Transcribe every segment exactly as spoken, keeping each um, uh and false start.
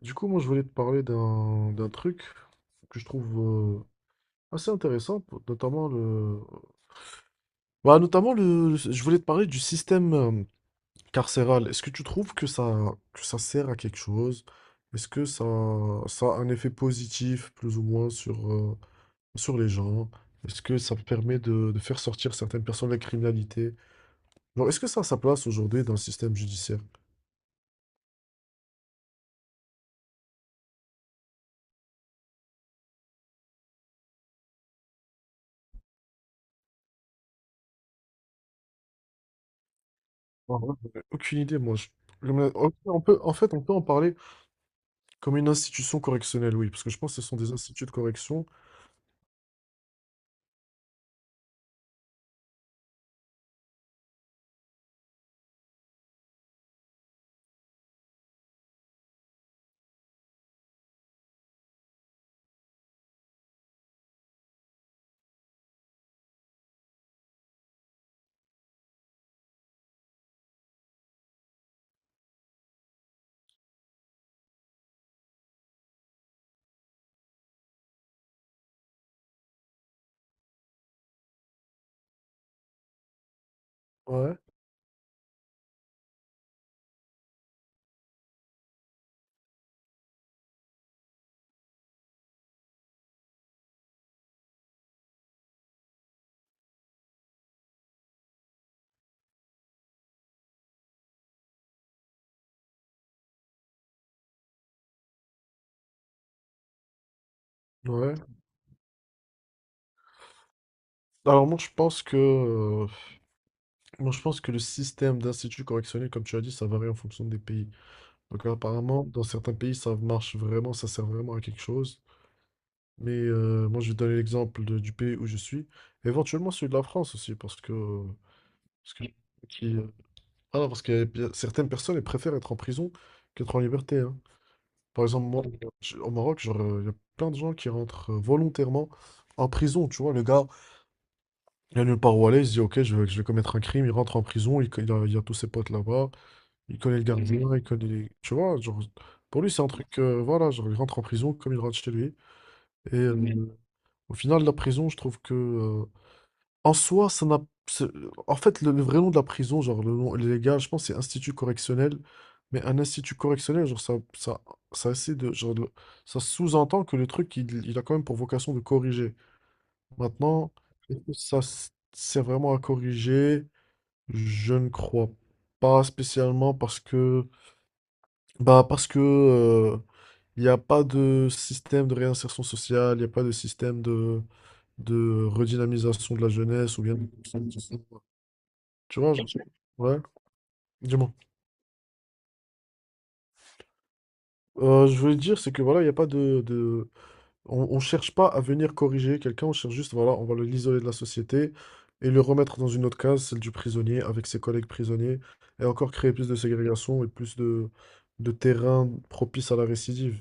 Du coup, moi, je voulais te parler d'un d'un truc que je trouve euh, assez intéressant, pour- notamment le... Bah, notamment le... le- Je voulais te parler du système euh, carcéral. Est-ce que tu trouves que ça, que ça sert à quelque chose? Est-ce que ça, ça a un effet positif, plus ou moins, sur, euh, sur les gens? Est-ce que ça permet de, de faire sortir certaines personnes de la criminalité? Genre, est-ce que ça a sa place aujourd'hui dans le système judiciaire? En vrai, j'en ai aucune idée, moi. Je- je me- ok, on peut, en fait, on peut en parler comme une institution correctionnelle, oui, parce que je pense que ce sont des instituts de correction. Ouais. Ouais. Alors moi, je pense que, euh, moi, je pense que le système d'instituts correctionnels, comme tu as dit, ça varie en fonction des pays. Donc apparemment, dans certains pays, ça marche vraiment, ça sert vraiment à quelque chose. Mais euh, moi, je vais donner l'exemple de- du pays où je suis. Éventuellement celui de la France aussi, parce que... Parce que qui, euh, ah non, parce qu'il y a bien- certaines personnes, elles préfèrent être en prison qu'être en liberté, hein. Par exemple, moi, je- au Maroc, genre, euh, il y a plein de gens qui rentrent euh, volontairement en prison. Tu vois, le gars, il a nulle part où aller, il se dit, ok, je vais, je vais commettre un crime, il rentre en prison, il, co- il a, il a tous ses potes là-bas. Il connaît le, mhm, gardien, mhm, il connaît les- Tu vois, genre, pour lui, c'est un truc... euh, voilà, genre, il rentre en prison comme il rentre chez lui. Et, mhm, euh, au final, la prison, je trouve que... euh, en soi, ça n'a... c'est- En fait, le, le vrai nom de la prison, genre, le nom légal, je pense, c'est institut correctionnel. Mais un institut correctionnel, genre, ça, ça, ça essaie de... Genre, le- ça sous-entend que le truc, il, il a quand même pour vocation de corriger. Maintenant, est-ce que ça s- sert vraiment à corriger? Je ne crois pas spécialement parce que... Bah parce que euh, il n'y a pas de système de réinsertion sociale, il n'y a pas de système de, de redynamisation de la jeunesse ou bien... Tu vois, genre- ouais, dis-moi. Euh, je voulais dire, c'est que voilà, il n'y a pas de, de... On, on cherche pas à venir corriger quelqu'un, on cherche juste, voilà, on va le- l'isoler de la société et le remettre dans une autre case, celle du prisonnier, avec ses collègues prisonniers, et encore créer plus de ségrégation et plus de, de terrain propice à la récidive.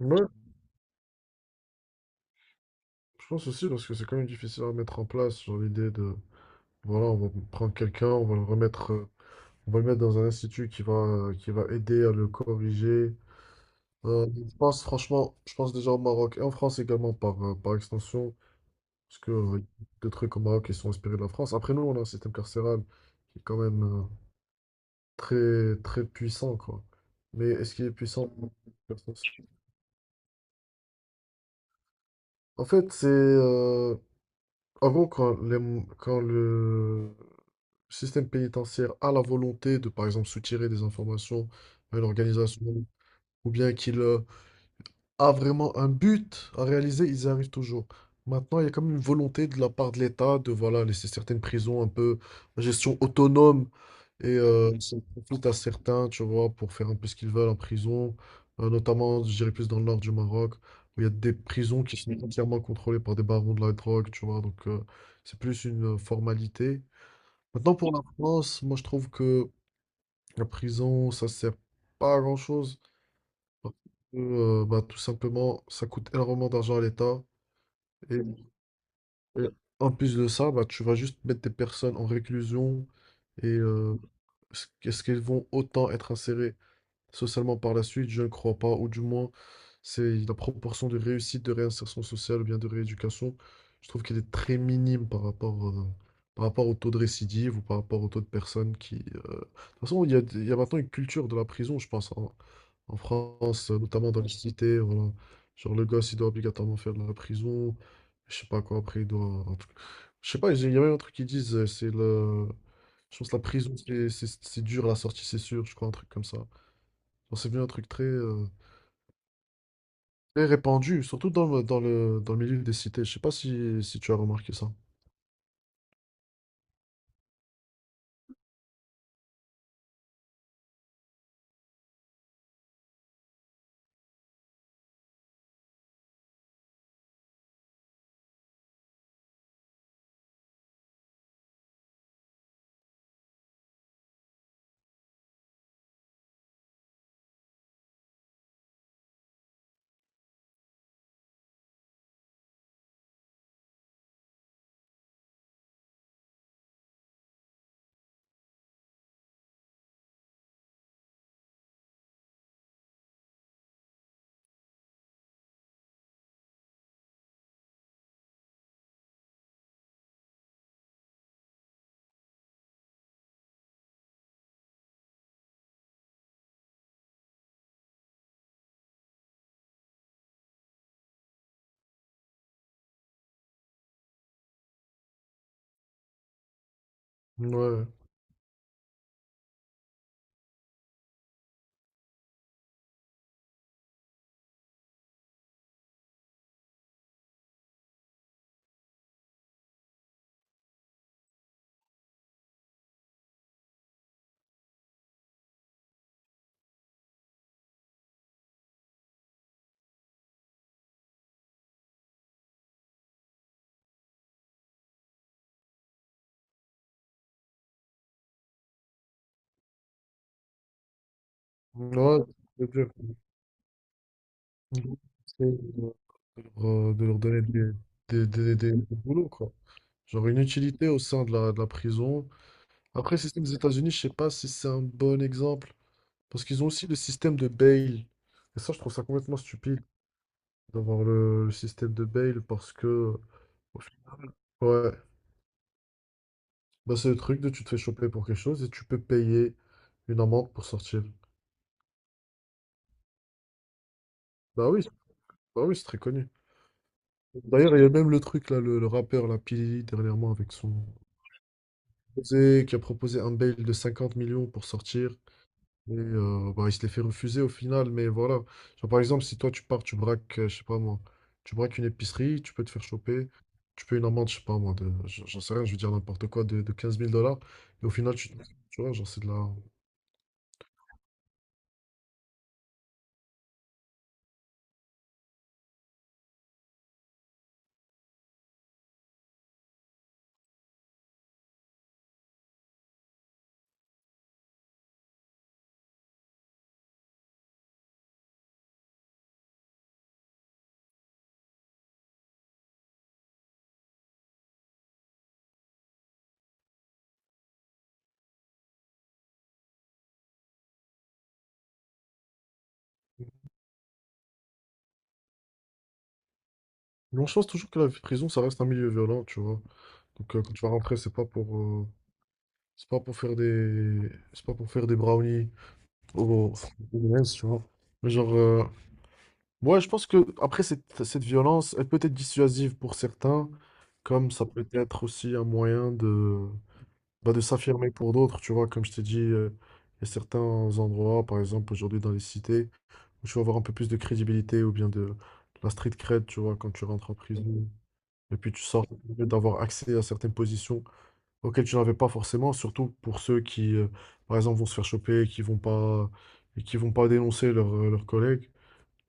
Ouais, je pense aussi parce que c'est quand même difficile à mettre en place, genre l'idée de, voilà, on va prendre quelqu'un, on va le remettre, euh, on va le mettre dans un institut qui va, euh, qui va aider à le corriger. Euh, je pense franchement, je pense déjà au Maroc et en France également par, euh, par extension, parce que euh, il y a des trucs au Maroc qui sont inspirés de la France. Après nous, on a un système carcéral qui est quand même euh, très, très puissant, quoi. Mais est-ce qu'il est puissant? En fait, c'est, euh, en gros, quand, les- quand le, Le système pénitentiaire a la volonté de, par exemple, soutirer des informations à une organisation ou bien qu'il euh, a vraiment un but à réaliser, ils y arrivent toujours. Maintenant, il y a comme une volonté de la part de l'État de voilà, laisser certaines prisons un peu à gestion autonome et euh, ils s'en profitent à certains, tu vois, pour faire un peu ce qu'ils veulent en prison. Euh, notamment, je dirais plus dans le nord du Maroc, où il y a des prisons qui sont, mhm, entièrement contrôlées par des barons de la drogue, tu vois, donc euh, c'est plus une euh, formalité. Maintenant, pour la France, moi je trouve que la prison, ça sert pas à grand-chose. Parce que, euh, bah, tout simplement, ça coûte énormément d'argent à l'État. Et, et en plus de ça, bah, tu vas juste mettre des personnes en réclusion. Et euh, est-ce est-ce qu'elles vont autant être insérées socialement par la suite? Je ne crois pas, ou du moins, c'est la proportion de réussite de réinsertion sociale ou bien de rééducation, je trouve qu'elle est très minime par rapport, euh, par rapport au taux de récidive ou par rapport au taux de personnes qui... euh, De toute façon, il y a, il y a maintenant une culture de la prison, je pense, en, en France, euh, notamment dans les cités, voilà. Genre le gosse, il doit obligatoirement faire de la prison, je sais pas quoi, après il doit... Je sais pas, il y a même un truc qui disent, euh, c'est le... Je pense que la prison, c'est c'est- c'est dur, la sortie, c'est sûr, je crois, un truc comme ça. Genre, c'est bien un truc très, euh, très répandu, surtout dans, le- dans le, dans le milieu des cités. Je sais pas si, si tu as remarqué ça. Ouais. Ouais, c'est dur. C'est de leur, euh, de leur donner des, des, des, des- des boulots, quoi. Genre une utilité au sein de la, de la prison. Après, le système des États-Unis, je sais pas si c'est un bon exemple. Parce qu'ils ont aussi le système de bail. Et ça, je trouve ça complètement stupide d'avoir le, le système de bail parce que... au fi- Ouais, bah, c'est le truc de tu te fais choper pour quelque chose et tu peux payer une amende pour sortir. Bah oui, c'est- bah oui, c'est très connu. D'ailleurs, il y a même le truc là, le, le rappeur, la P. Diddy, dernièrement, avec son proposé- qui a proposé un bail de cinquante millions pour sortir. Et euh, bah, il se les fait refuser au final, mais voilà. Genre, par exemple, si toi tu pars, tu braques, euh, je sais pas moi, tu braques une épicerie, tu peux te faire choper, tu peux une amende, je sais pas moi, de, j- j'en sais rien, je veux dire n'importe quoi, de, de quinze mille dollars, et au final, tu, tu vois, genre c'est de la... Mais on pense toujours que la prison, ça reste un milieu violent, tu vois. Donc euh, quand tu vas rentrer, c'est pas pour, euh, c'est pas pour faire des, c'est pas pour faire des brownies au, au M and M's, tu vois. Mais genre, euh, ouais, je pense que après cette, cette violence, elle peut être dissuasive pour certains, comme ça peut être aussi un moyen de, bah, de s'affirmer pour d'autres, tu vois, comme je t'ai dit, euh, il y a certains endroits, par exemple aujourd'hui dans les cités, où tu vas avoir un peu plus de crédibilité ou bien de, de la street cred, tu vois, quand tu rentres en prison, mhm, et puis tu sors, ça te permet d'avoir accès à certaines positions auxquelles tu n'avais pas forcément, surtout pour ceux qui, euh, par exemple, vont se faire choper, qui vont pas, et qui vont pas dénoncer leurs leurs collègues.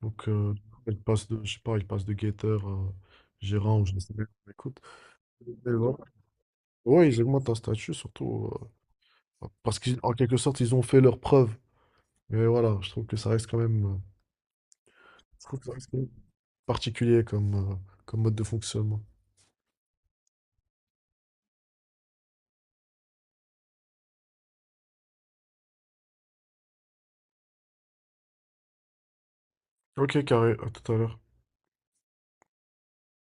Donc, euh, il passe de, je sais pas, il passe de guetteur à gérant ou je ne sais pas. Écoute, mais voilà. Ouais, ils augmentent un statut, surtout euh, parce qu'en quelque sorte, ils ont fait leurs preuves. Mais voilà, je trouve que ça reste quand même, euh, je trouve que ça reste quand même particulier comme, euh, comme mode de fonctionnement. Ok, carré, à tout à l'heure.